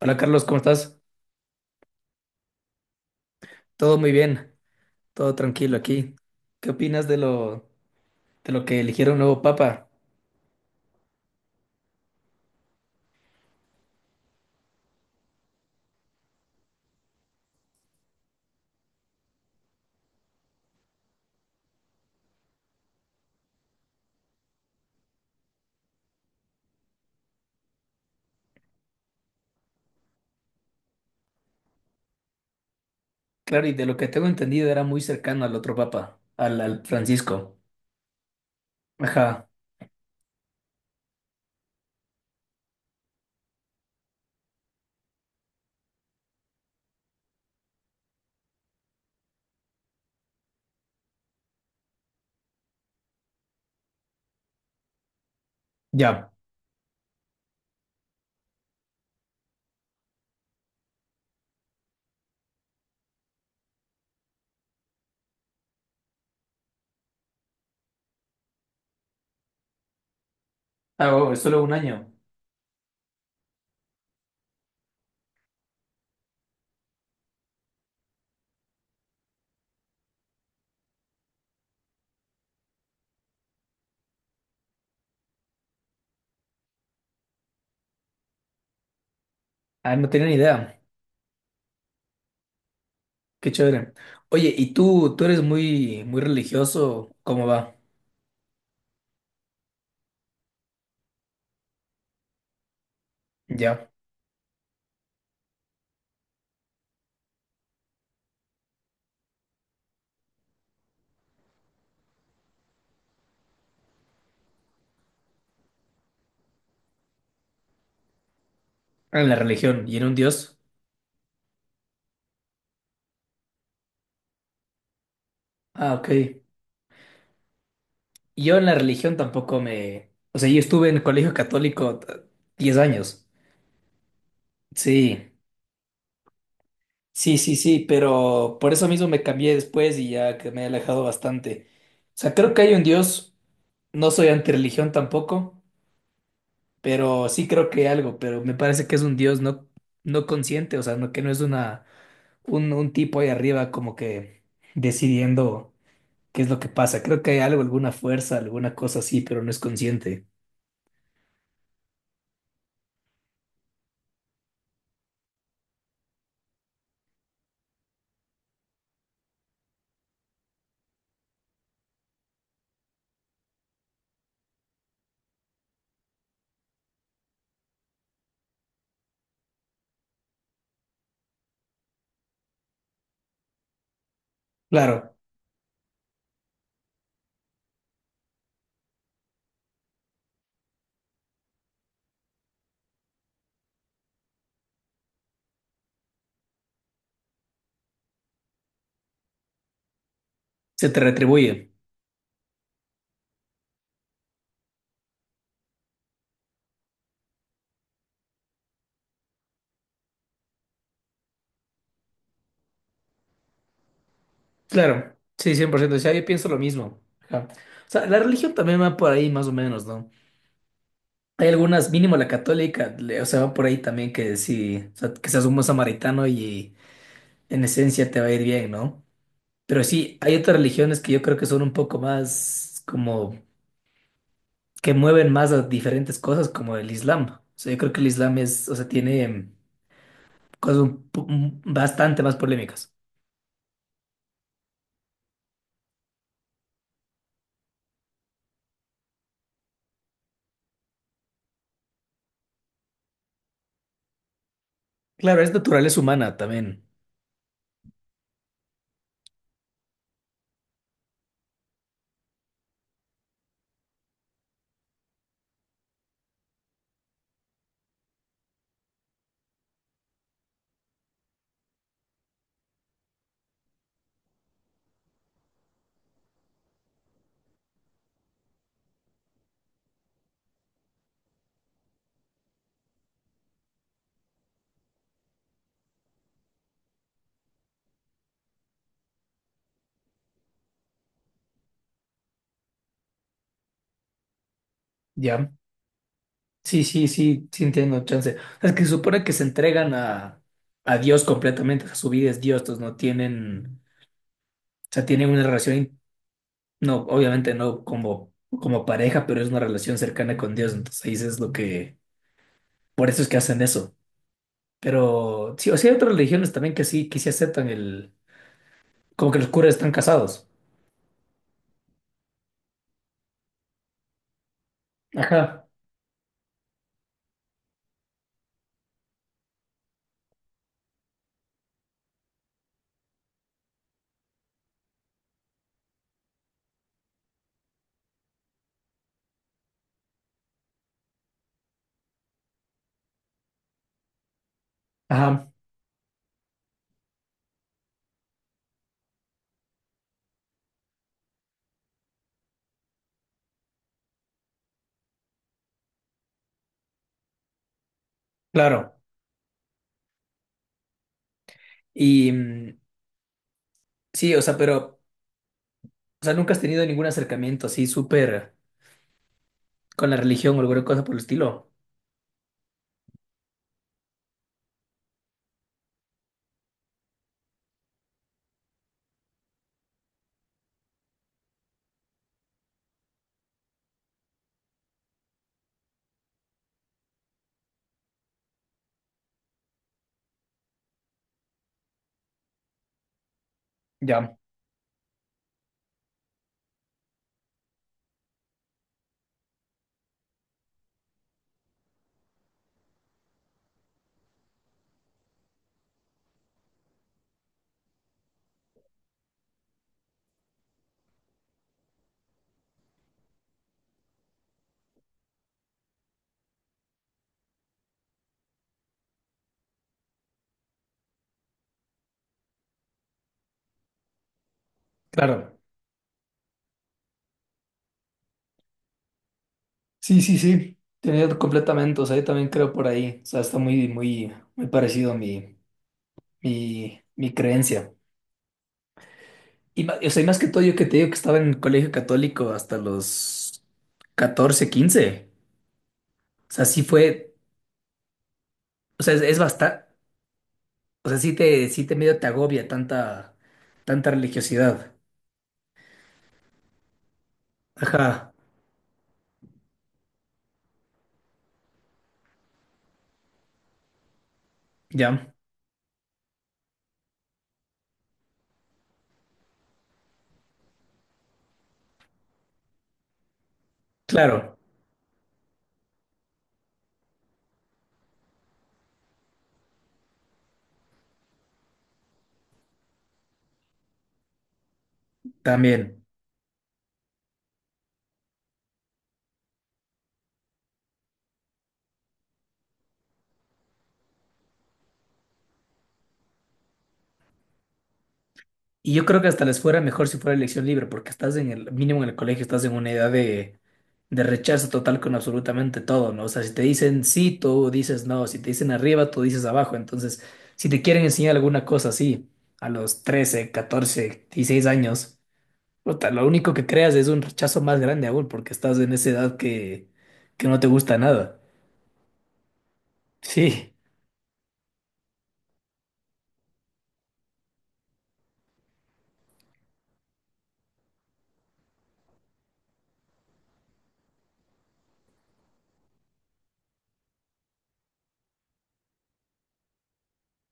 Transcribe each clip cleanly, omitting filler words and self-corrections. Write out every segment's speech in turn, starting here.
Hola Carlos, ¿cómo estás? Todo muy bien, todo tranquilo aquí. ¿Qué opinas de lo que eligieron nuevo papa? Claro, y de lo que tengo entendido era muy cercano al otro papa, al Francisco. Ajá, ya. Ah, oh, es solo un año. Ah, no tenía ni idea. Qué chévere. Oye, ¿y tú eres muy, muy religioso? ¿Cómo va? Ya. En la religión y en un Dios. Ah, ok. Yo en la religión tampoco me. O sea, yo estuve en el colegio católico 10 años. Sí. Sí, sí, sí, pero por eso mismo me cambié después y ya que me he alejado bastante. O sea, creo que hay un Dios, no soy antirreligión tampoco, pero sí creo que hay algo, pero me parece que es un Dios no, no consciente, o sea, no, que no es un tipo ahí arriba como que decidiendo qué es lo que pasa. Creo que hay algo, alguna fuerza, alguna cosa así, pero no es consciente. Claro, se te retribuye. Claro, sí, 100%. O sea, yo pienso lo mismo. Ajá. O sea, la religión también va por ahí más o menos, ¿no? Hay algunas, mínimo la católica, o sea, va por ahí también que sí, o sea, que seas un buen samaritano y en esencia te va a ir bien, ¿no? Pero sí, hay otras religiones que yo creo que son un poco más como que mueven más a diferentes cosas, como el Islam. O sea, yo creo que el Islam es, o sea, tiene cosas bastante más polémicas. Claro, es naturaleza humana también, ¿ya? Sí, sí, sí, sí entiendo, chance. O sea, es que se supone que se entregan a Dios completamente, o sea, su vida es Dios, entonces no tienen. Sea, tienen una relación, no, obviamente no como pareja, pero es una relación cercana con Dios. Entonces ahí es lo que, por eso es que hacen eso. Pero sí, o sea, hay otras religiones también que sí aceptan el, como que los curas están casados. Ajá, ajá, claro. Y sí, o sea, pero, o sea, nunca has tenido ningún acercamiento así súper con la religión o alguna cosa por el estilo. Ya, claro. Sí, sí, sí. Tenía completamente, o sea, yo también creo por ahí. O sea, está muy, muy, muy parecido a mi creencia. Y, o sea, y más que todo, yo que te digo que estaba en el colegio católico hasta los 14 15. O sea, sí fue, o sea, es bastante, o sea, sí te medio te agobia tanta, tanta religiosidad. Ajá, ya, claro, también. Y yo creo que hasta les fuera mejor si fuera elección libre, porque estás en el mínimo en el colegio, estás en una edad de rechazo total con absolutamente todo, ¿no? O sea, si te dicen sí, tú dices no, si te dicen arriba, tú dices abajo. Entonces, si te quieren enseñar alguna cosa así a los 13 14 16 años, puta, lo único que creas es un rechazo más grande aún, porque estás en esa edad que no te gusta nada. Sí,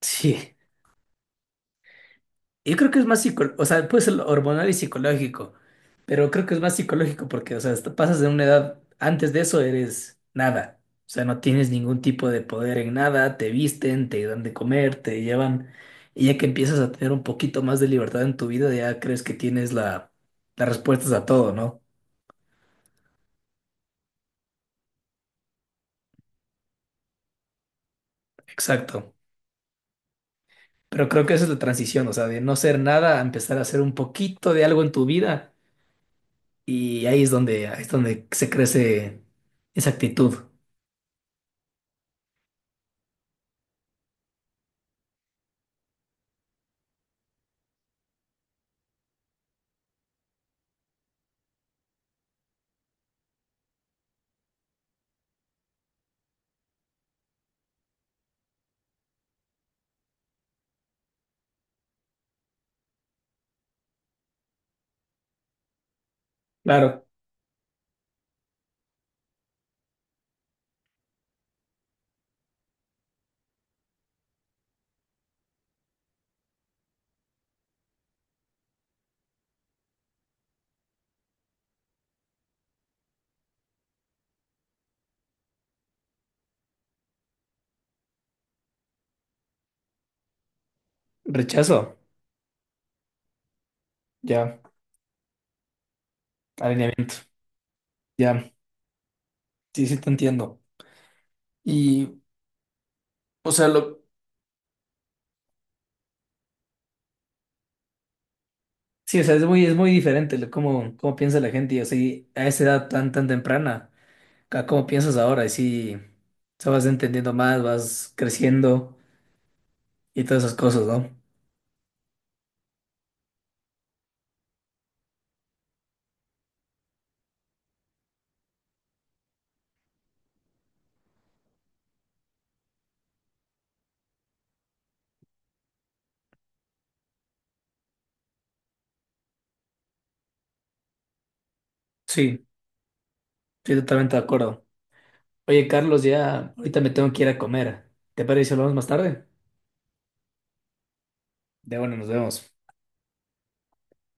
sí. Yo creo que es más psicológico, o sea, puede ser hormonal y psicológico, pero creo que es más psicológico porque, o sea, hasta pasas de una edad, antes de eso eres nada, o sea, no tienes ningún tipo de poder en nada, te visten, te dan de comer, te llevan, y ya que empiezas a tener un poquito más de libertad en tu vida, ya crees que tienes las respuestas a todo, ¿no? Exacto. Pero creo que esa es la transición, o sea, de no ser nada a empezar a hacer un poquito de algo en tu vida, y ahí es donde se crece esa actitud. Claro. Rechazo, ya, alineamiento, ya, sí, sí te entiendo. Y, o sea, sí, o sea, es muy diferente cómo piensa la gente, y así, a esa edad tan, tan temprana, a cómo piensas ahora, y sí, o sea, vas entendiendo más, vas creciendo y todas esas cosas, ¿no? Sí, estoy totalmente de acuerdo. Oye, Carlos, ya, ahorita me tengo que ir a comer. ¿Te parece si hablamos más tarde? De bueno, nos vemos.